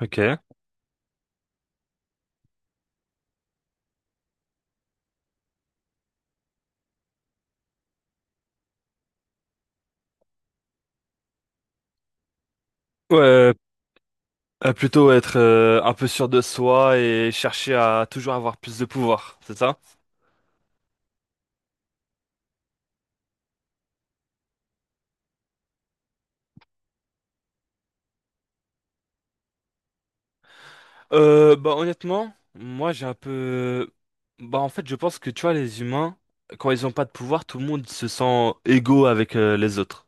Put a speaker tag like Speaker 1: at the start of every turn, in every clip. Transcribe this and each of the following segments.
Speaker 1: Ok. Ouais, euh, plutôt être un peu sûr de soi et chercher à toujours avoir plus de pouvoir, c'est ça? Bah honnêtement, moi j'ai un peu... Bah en fait je pense que tu vois les humains, quand ils ont pas de pouvoir, tout le monde se sent égaux avec les autres.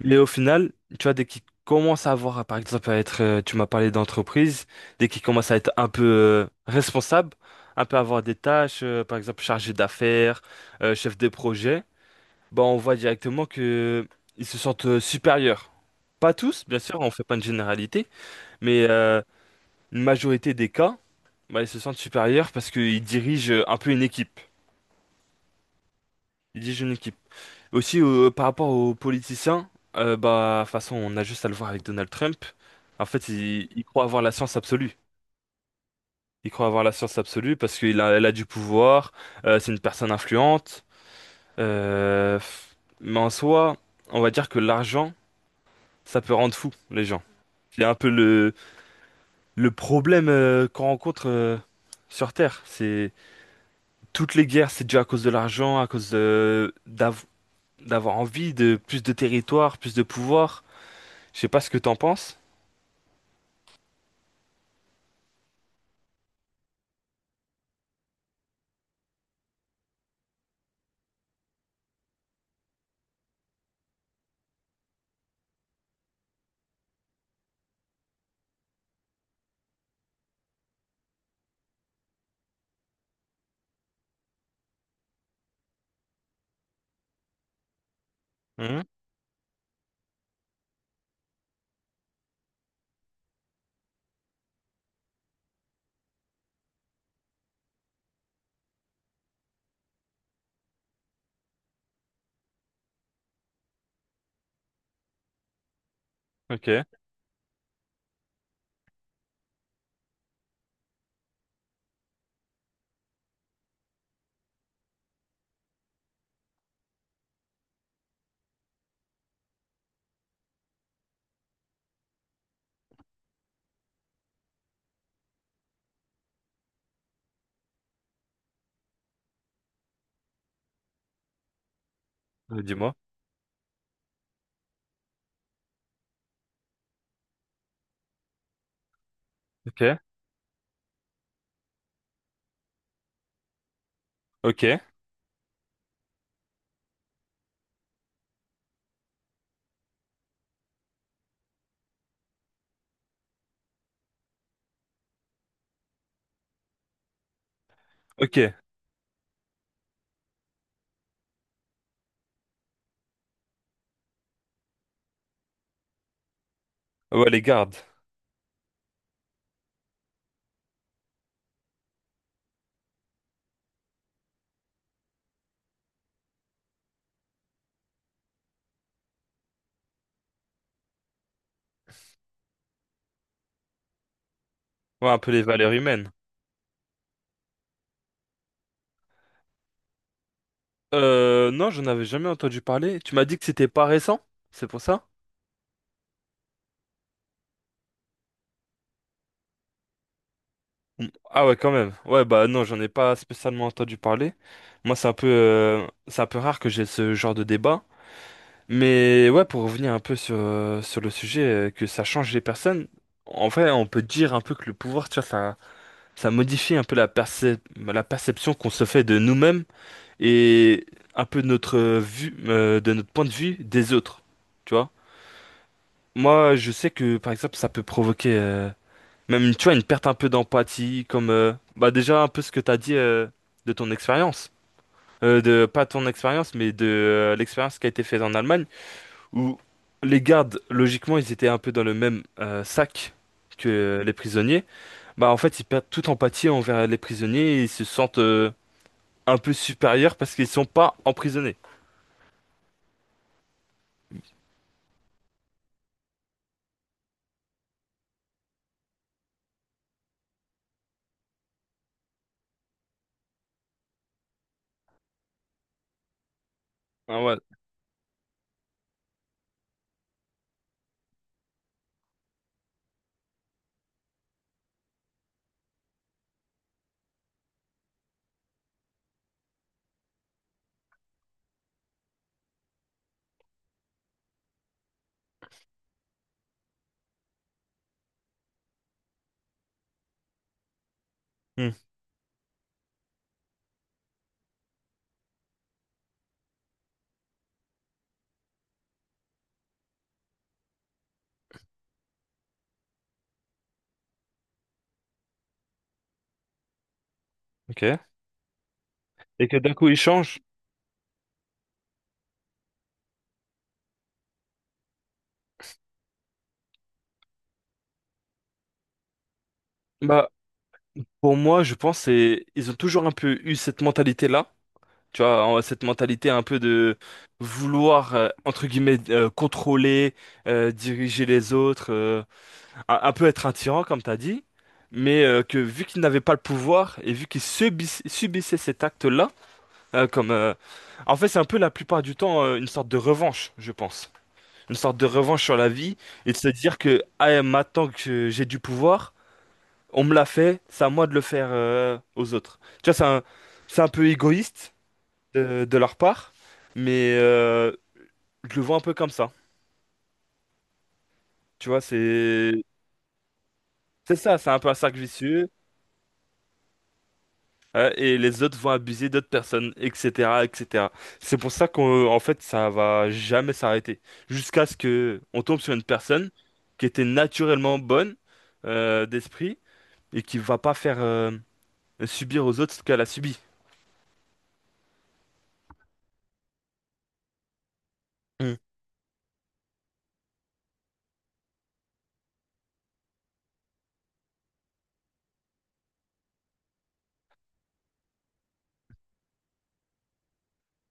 Speaker 1: Mais au final, tu vois, dès qu'ils commencent à avoir, par exemple, à être, tu m'as parlé d'entreprise, dès qu'ils commencent à être un peu responsables, un peu avoir des tâches, par exemple chargé d'affaires, chef des projets. Bah, on voit directement que ils se sentent supérieurs. Pas tous, bien sûr, on fait pas une généralité, mais une majorité des cas, bah, ils se sentent supérieurs parce qu'ils dirigent un peu une équipe. Ils dirigent une équipe. Aussi, par rapport aux politiciens, bah, de toute façon, on a juste à le voir avec Donald Trump. En fait, il croit avoir la science absolue. Il croit avoir la science absolue parce qu'il a, elle a du pouvoir, c'est une personne influente. euh, f- mais en soi, on va dire que l'argent, ça peut rendre fou les gens. C'est un peu le problème qu'on rencontre sur Terre. C'est toutes les guerres, c'est dû à cause de l'argent, à cause de- d'av- d'avoir envie de plus de territoire, plus de pouvoir. Je sais pas ce que t'en penses. Mhm. Ok. Dis-moi. Ok, ok, ok. Ouais, les gardes. Ouais, un peu les valeurs humaines. Non, j'en avais jamais entendu parler. Tu m'as dit que c'était pas récent, c'est pour ça? Mm. Ah ouais, quand même. Ouais, bah non, j'en ai pas spécialement entendu parler. Moi, c'est un peu rare que j'ai ce genre de débat. Mais ouais, pour revenir un peu sur, sur le sujet, que ça change les personnes, en vrai, on peut dire un peu que le pouvoir, tu vois, ça modifie un peu la perception qu'on se fait de nous-mêmes et un peu de notre vue, de notre point de vue des autres, tu vois. Moi, je sais que, par exemple, ça peut provoquer même, tu vois, une perte un peu d'empathie, comme, bah déjà, un peu ce que t'as dit de ton expérience. Pas ton expérience, mais de l'expérience qui a été faite en Allemagne où les gardes, logiquement, ils étaient un peu dans le même sac que les prisonniers, bah en fait, ils perdent toute empathie envers les prisonniers et ils se sentent un peu supérieurs parce qu'ils sont pas emprisonnés. Ah ouais. Hmm. Ok. Et que d'un coup, ils changent. Bah, pour moi, je pense c'est ils ont toujours un peu eu cette mentalité-là, tu vois, cette mentalité un peu de vouloir, entre guillemets, contrôler, diriger les autres. Un peu être un tyran, comme t'as dit, mais que vu qu'il n'avait pas le pouvoir et vu subissait cet acte-là, comme en fait c'est un peu la plupart du temps une sorte de revanche, je pense, une sorte de revanche sur la vie et de se dire que ah, maintenant que j'ai du pouvoir, on me l'a fait, c'est à moi de le faire aux autres. Tu vois, c'est un peu égoïste de leur part, mais je le vois un peu comme ça. Tu vois, c'est c'est ça, c'est un peu un cercle vicieux. Ouais, et les autres vont abuser d'autres personnes, etc., etc. C'est pour ça qu'en en fait, ça va jamais s'arrêter. Jusqu'à ce que on tombe sur une personne qui était naturellement bonne d'esprit et qui va pas faire subir aux autres ce qu'elle a subi. Mm.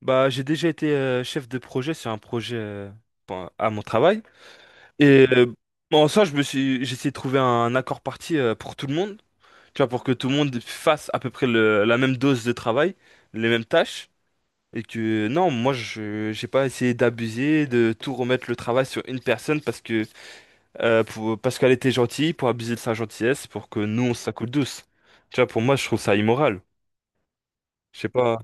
Speaker 1: Bah, j'ai déjà été chef de projet sur un projet bon, à mon travail. Et en soi, j'ai essayé de trouver un accord parti pour tout le monde. Tu vois, pour que tout le monde fasse à peu près la même dose de travail, les mêmes tâches. Et que non, moi je j'ai pas essayé d'abuser, de tout remettre le travail sur une personne parce que parce qu'elle était gentille, pour abuser de sa gentillesse, pour que nous on se la coule douce. Tu vois, pour moi je trouve ça immoral. Je sais pas.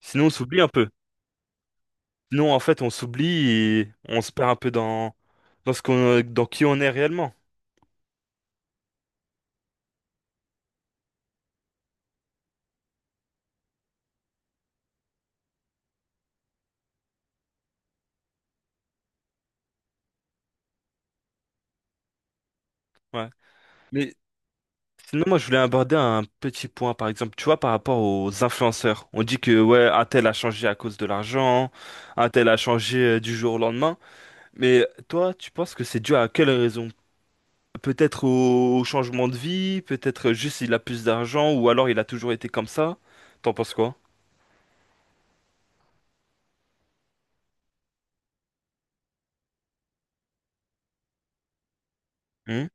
Speaker 1: Sinon on s'oublie un peu. Sinon en fait on s'oublie et on se perd un peu dans ce qu'on dans qui on est réellement. Ouais. Mais sinon moi je voulais aborder un petit point par exemple. Tu vois par rapport aux influenceurs, on dit que ouais un tel a changé à cause de l'argent, un tel a changé du jour au lendemain. Mais toi, tu penses que c'est dû à quelle raison? Peut-être au changement de vie, peut-être juste il a plus d'argent, ou alors il a toujours été comme ça. T'en penses quoi? Hmm.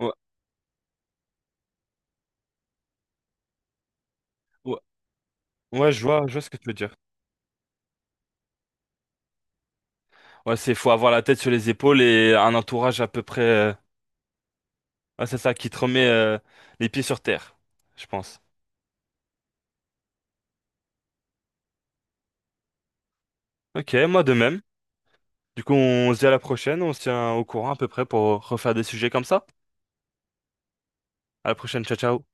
Speaker 1: Ouais, ouais, ouais, je vois ce que tu veux dire. Ouais, c'est faut avoir la tête sur les épaules et un entourage à peu près. Ouais, c'est ça qui te remet les pieds sur terre, je pense. Ok, moi de même. Du coup, on se dit à la prochaine, on se tient au courant à peu près pour refaire des sujets comme ça. À la prochaine, ciao ciao.